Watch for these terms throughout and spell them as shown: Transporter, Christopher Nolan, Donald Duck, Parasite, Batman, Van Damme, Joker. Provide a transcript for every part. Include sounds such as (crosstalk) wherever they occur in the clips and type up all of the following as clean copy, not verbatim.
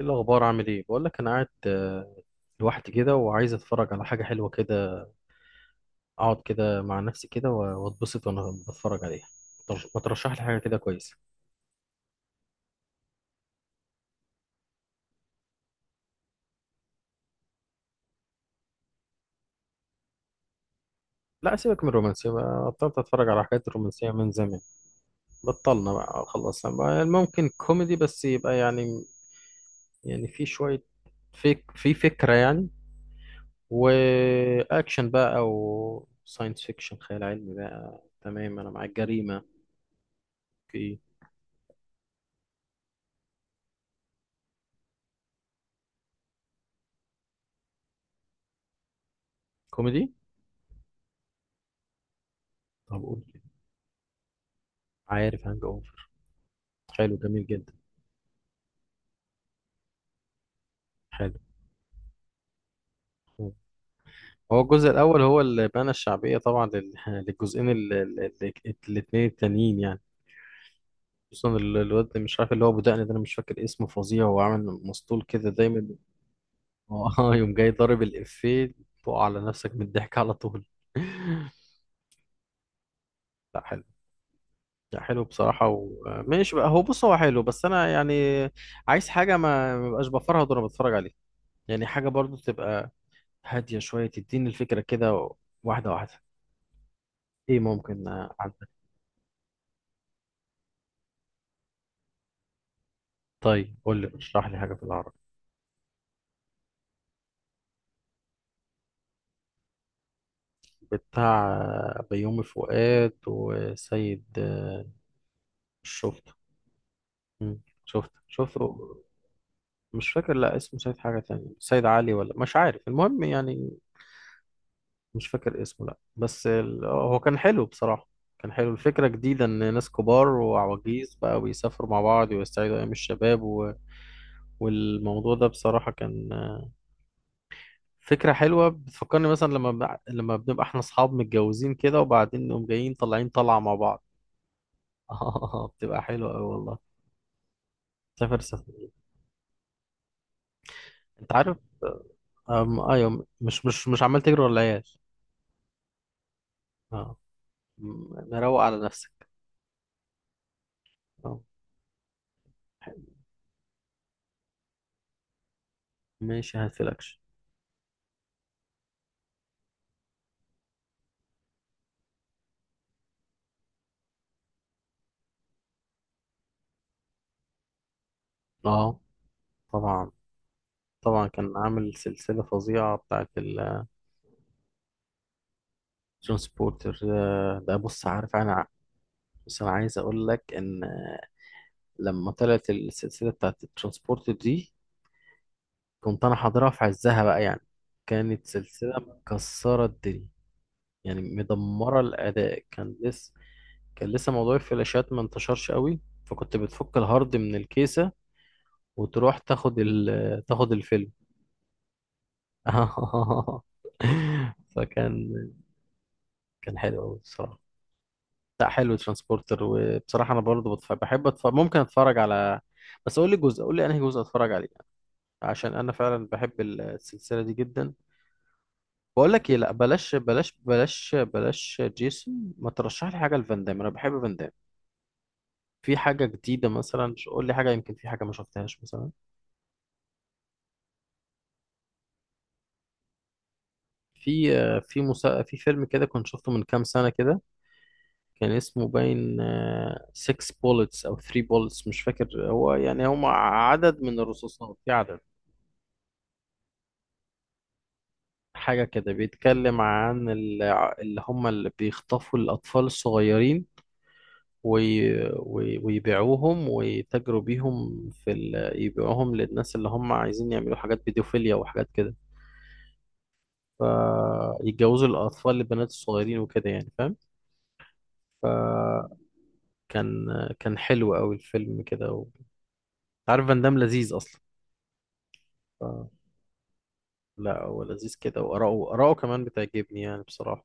ايه الاخبار؟ عامل ايه؟ بقول لك انا قاعد لوحدي كده وعايز اتفرج على حاجه حلوه كده، اقعد كده مع نفسي كده واتبسط وانا بتفرج عليها. طب ما ترشح لي حاجه كده كويسه. لا، سيبك من الرومانسيه بقى، بطلت اتفرج على حاجات الرومانسيه من زمان. بطلنا بقى، خلصنا بقى. ممكن كوميدي بس يبقى يعني، يعني في شويه، في فكره يعني، واكشن بقى او ساينس فيكشن، خيال علمي بقى. تمام، انا معاك. جريمه. اوكي. كوميدي. طب قول. عارف هانج اوفر، حلو، جميل جدا. حلو. مم. هو الجزء الأول هو اللي بنى الشعبية طبعا (laughs) للجزئين الاتنين التانيين يعني. خصوصا الواد اللي مش عارف، اللي هو أبو دقن ده، أنا مش فاكر اسمه، فظيع وعامل مسطول كده دايما. (laughs) اه، يوم جاي ضارب الإفيه تقع على نفسك من الضحك على طول. (laughs) لا حلو، لا حلو بصراحة. وماشي بقى، هو بص، هو حلو بس أنا يعني عايز حاجة ما بقاش بفرهد وأنا بتفرج عليه. يعني حاجة برضو تبقى هادية شوية، تديني الفكرة كده، واحدة واحدة. ايه، ممكن عندك؟ طيب قول لي، اشرح لي حاجة في العربي. بتاع بيومي فؤاد وسيد شفته. مم، شفته شفته. مش فاكر، لا، اسمه سيد حاجة تانية، سيد علي ولا مش عارف، المهم يعني. مش فاكر اسمه، لا، بس هو كان حلو بصراحة. كان حلو، الفكرة جديدة، إن ناس كبار وعواجيز بقى بيسافروا مع بعض ويستعيدوا أيام الشباب و... والموضوع ده بصراحة كان فكرة حلوة، بتفكرني مثلا لما لما بنبقى احنا اصحاب متجوزين كده وبعدين نقوم جايين طالعين طلعة مع بعض. (laughs) اه، بتبقى حلوة أوي والله. سافر سفرية، انت عارف. ايوه، مش عمال تجري ورا العيال. اه. مروق على نفسك. اه. ماشي، هاتفلكش. اه، طبعا. طبعا كان عامل سلسلة فظيعة بتاعت الجون. سبورتر. ده بص، عارف انا، بس انا عايز اقول لك ان لما طلعت السلسلة بتاعت الترانسبورتر دي، كنت انا حاضرها في عزها بقى يعني، كانت سلسله مكسره الدنيا يعني، مدمره. الاداء كان لسه، كان لسه موضوع الفلاشات ما انتشرش قوي، فكنت بتفك الهارد من الكيسه وتروح تاخد تاخد الفيلم. (laughs) فكان، كان حلو قوي بصراحه. لا حلو ترانسبورتر، وبصراحه انا برضو ممكن اتفرج على، بس قول لي جزء، قول لي انهي جزء اتفرج عليه، عشان انا فعلا بحب السلسله دي جدا. بقول لك ايه، لا بلاش جيسون، ما ترشح لي حاجه لفان دام، انا بحب فان دام. في حاجه جديده مثلا؟ قول لي حاجه، يمكن في حاجه ما شفتهاش مثلا. في في فيلم كده كنت شفته من كام سنه كده، كان اسمه باين 6 بولتس او 3 بولتس، مش فاكر، هو يعني هم عدد من الرصاصات في عدد. حاجه كده بيتكلم عن اللي هم اللي بيخطفوا الاطفال الصغيرين وي... ويبيعوهم، ويتاجروا بيهم في يبيعوهم للناس اللي هم عايزين يعملوا حاجات بيدوفيليا وحاجات كده، فيتجوزوا الأطفال البنات الصغيرين وكده، يعني فاهم. فكان، كان حلو قوي الفيلم كده و... عارف فان دام لذيذ أصلا، ف... لا هو لذيذ كده، وآراءه، كمان بتعجبني يعني بصراحة.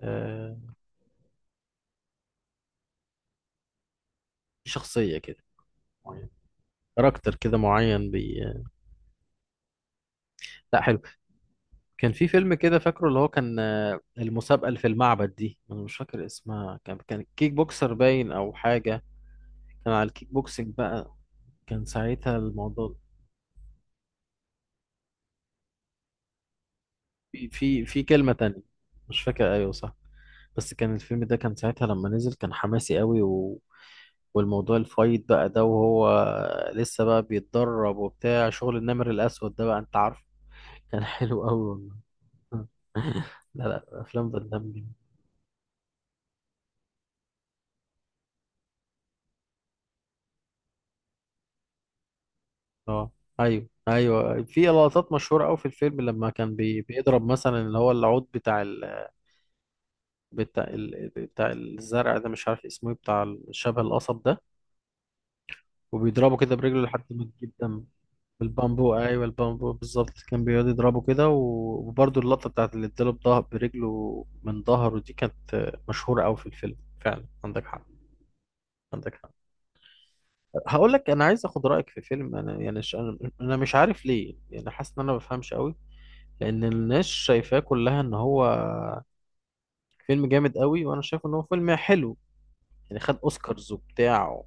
آه... شخصية كده معينة، كاركتر كده معين لا حلو. كان في فيلم كده فاكره، اللي هو كان المسابقة اللي في المعبد دي، انا مش فاكر اسمها، كان كيك بوكسر باين او حاجة، كان على الكيك بوكسنج بقى، كان ساعتها الموضوع. في كلمة تانية مش فاكر، ايوه صح، بس كان الفيلم ده كان ساعتها لما نزل كان حماسي قوي و... والموضوع الفايت بقى ده، وهو لسه بقى بيتدرب وبتاع شغل النمر الأسود ده بقى، انت عارف. (laughs) كان حلو قوي والله. (laughs) لا لا، افلام فان دام. اه، ايوه ايوه، في لقطات مشهوره قوي في الفيلم، لما كان بيضرب مثلا اللي هو العود بتاع بتاع الزرع ده، مش عارف اسمه ايه، بتاع شبه القصب ده، وبيضربه كده برجله لحد ما تجيب دم. بالبامبو، ايوه البامبو بالظبط، كان بيقعد يضربه كده وبرضه اللقطه بتاعت اللي اداله بظهر برجله من ظهره دي، كانت مشهوره قوي في الفيلم فعلا. عندك حق، عندك حق. هقول لك، انا عايز اخد رايك في فيلم، انا يعني انا مش عارف ليه، يعني حاسس ان انا ما بفهمش قوي، لان الناس شايفاه كلها ان هو فيلم جامد قوي، وانا شايف ان هو فيلم حلو يعني، خد اوسكارز وبتاع.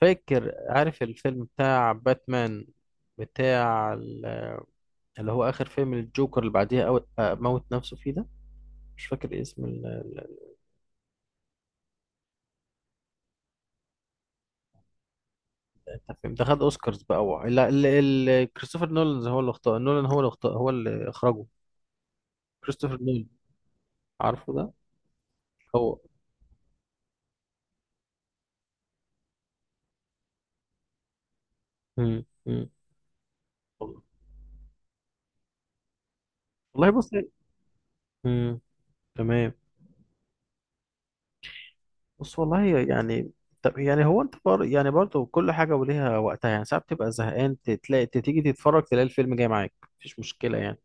فاكر، عارف الفيلم بتاع باتمان، بتاع اللي هو اخر فيلم الجوكر اللي بعديها أو موت نفسه فيه ده، مش فاكر اسم الفيلم ده. خد اوسكارز بقى، هو لا كريستوفر نولان هو اللي اختار، نولان هو اللي اختار، هو اللي اخرجه، كريستوفر نولان، عارفه ده. هو. مم. مم. والله بص. مم. تمام. بص والله يعني، طب يعني هو انت يعني برضه كل حاجه وليها وقتها، يعني ساعات بتبقى زهقان تلاقي تيجي تتفرج تلاقي الفيلم جاي معاك، مفيش مشكله يعني،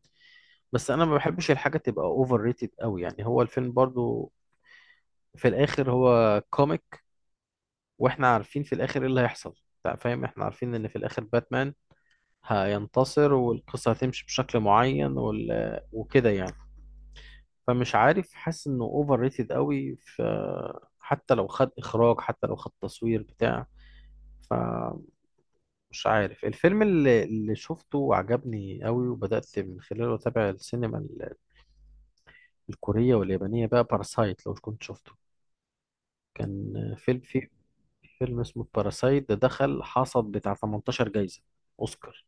بس انا ما بحبش الحاجه تبقى اوفر ريتد قوي. يعني هو الفيلم برضه في الاخر هو كوميك، واحنا عارفين في الاخر ايه اللي هيحصل، انت فاهم. احنا عارفين ان في الاخر باتمان هينتصر، والقصه هتمشي بشكل معين وكده يعني. فمش عارف، حاسس انه اوفر ريتد قوي حتى لو خد اخراج، حتى لو خد تصوير بتاع، فمش عارف. الفيلم اللي شفته وعجبني قوي وبدأت من خلاله أتابع السينما الكورية واليابانية بقى، باراسايت، لو كنت شفته. كان فيلم، في فيلم اسمه باراسايت، ده دخل حصد بتاع 18 جايزة أوسكار.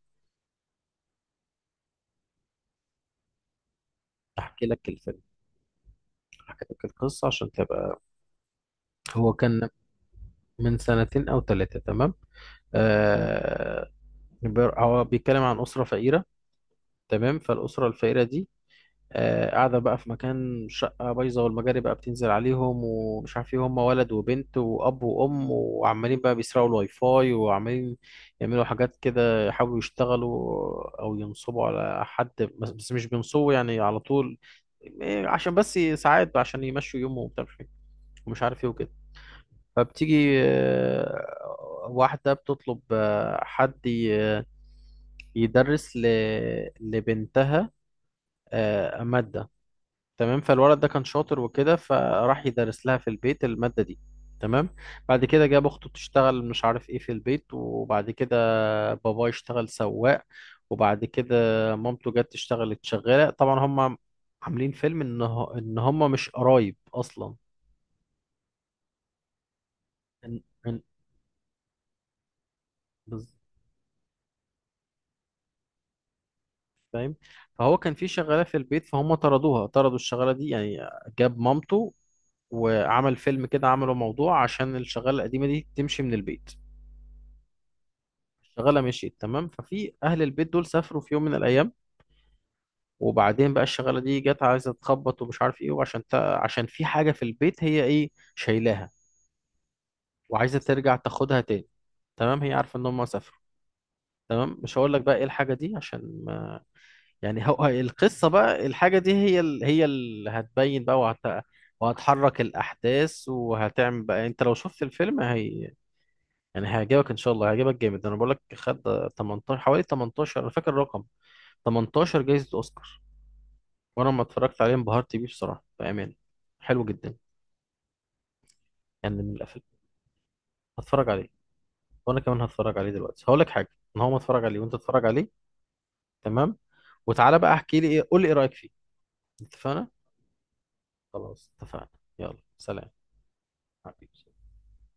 أحكي لك الفيلم، أحكي لك القصة عشان تبقى. هو كان من سنتين أو ثلاثة، تمام. آه. هو بيتكلم عن أسرة فقيرة، تمام. فالأسرة الفقيرة دي قاعدة بقى في مكان، شقة بايظة، والمجاري بقى بتنزل عليهم ومش عارف ايه. هما ولد وبنت وأب وأم، وعمالين بقى بيسرقوا الواي فاي، وعمالين يعملوا حاجات كده يحاولوا يشتغلوا أو ينصبوا على حد، بس مش بينصبوا يعني على طول، إيه، عشان بس ساعات عشان يمشوا يومهم وبتاع مش عارف إيه ومش عارف ايه وكده. فبتيجي واحدة بتطلب حد يدرس لبنتها مادة، تمام. فالولد ده كان شاطر وكده، فراح يدرس لها في البيت المادة دي. تمام. بعد كده جاب اخته تشتغل مش عارف ايه في البيت، وبعد كده باباه يشتغل سواق، وبعد كده مامته جت تشتغلت شغالة. طبعا هم عاملين فيلم ان ان هم مش قرايب اصلا. إن... إن... بز- فاهم. فهو كان في شغالة في البيت، فهم طردوها، طردوا الشغالة دي يعني، جاب مامته وعمل فيلم كده، عملوا موضوع عشان الشغالة القديمة دي تمشي من البيت. الشغاله مشيت، تمام. ففي اهل البيت دول سافروا في يوم من الايام، وبعدين بقى الشغاله دي جت عايزه تخبط ومش عارف ايه، وعشان عشان في حاجه في البيت هي ايه، شايلاها وعايزه ترجع تاخدها تاني. تمام. هي عارفه ان هم سافروا، تمام. مش هقول لك بقى ايه الحاجه دي عشان ما... (laughs) يعني هو القصه بقى، الحاجه دي هي هي اللي هتبين بقى، وهت... وهتحرك الاحداث وهتعمل بقى يعني. انت لو شفت الفيلم هي يعني هيعجبك ان شاء الله، هيعجبك جامد. انا بقول لك، خد 18، حوالي 18، انا فاكر الرقم 18 جايزة أوسكار. وأنا لما اتفرجت عليه انبهرت بيه بصراحة، بأمان، حلو جدا، يعني من الأفلام. هتفرج عليه. وأنا كمان هتفرج عليه دلوقتي، هقول لك حاجة، إن هو ما اتفرج عليه وأنت اتفرج عليه، تمام، وتعالى بقى احكي لي إيه، قول لي إيه رأيك فيه. اتفقنا؟ خلاص اتفقنا. يلا سلام. حبيبي.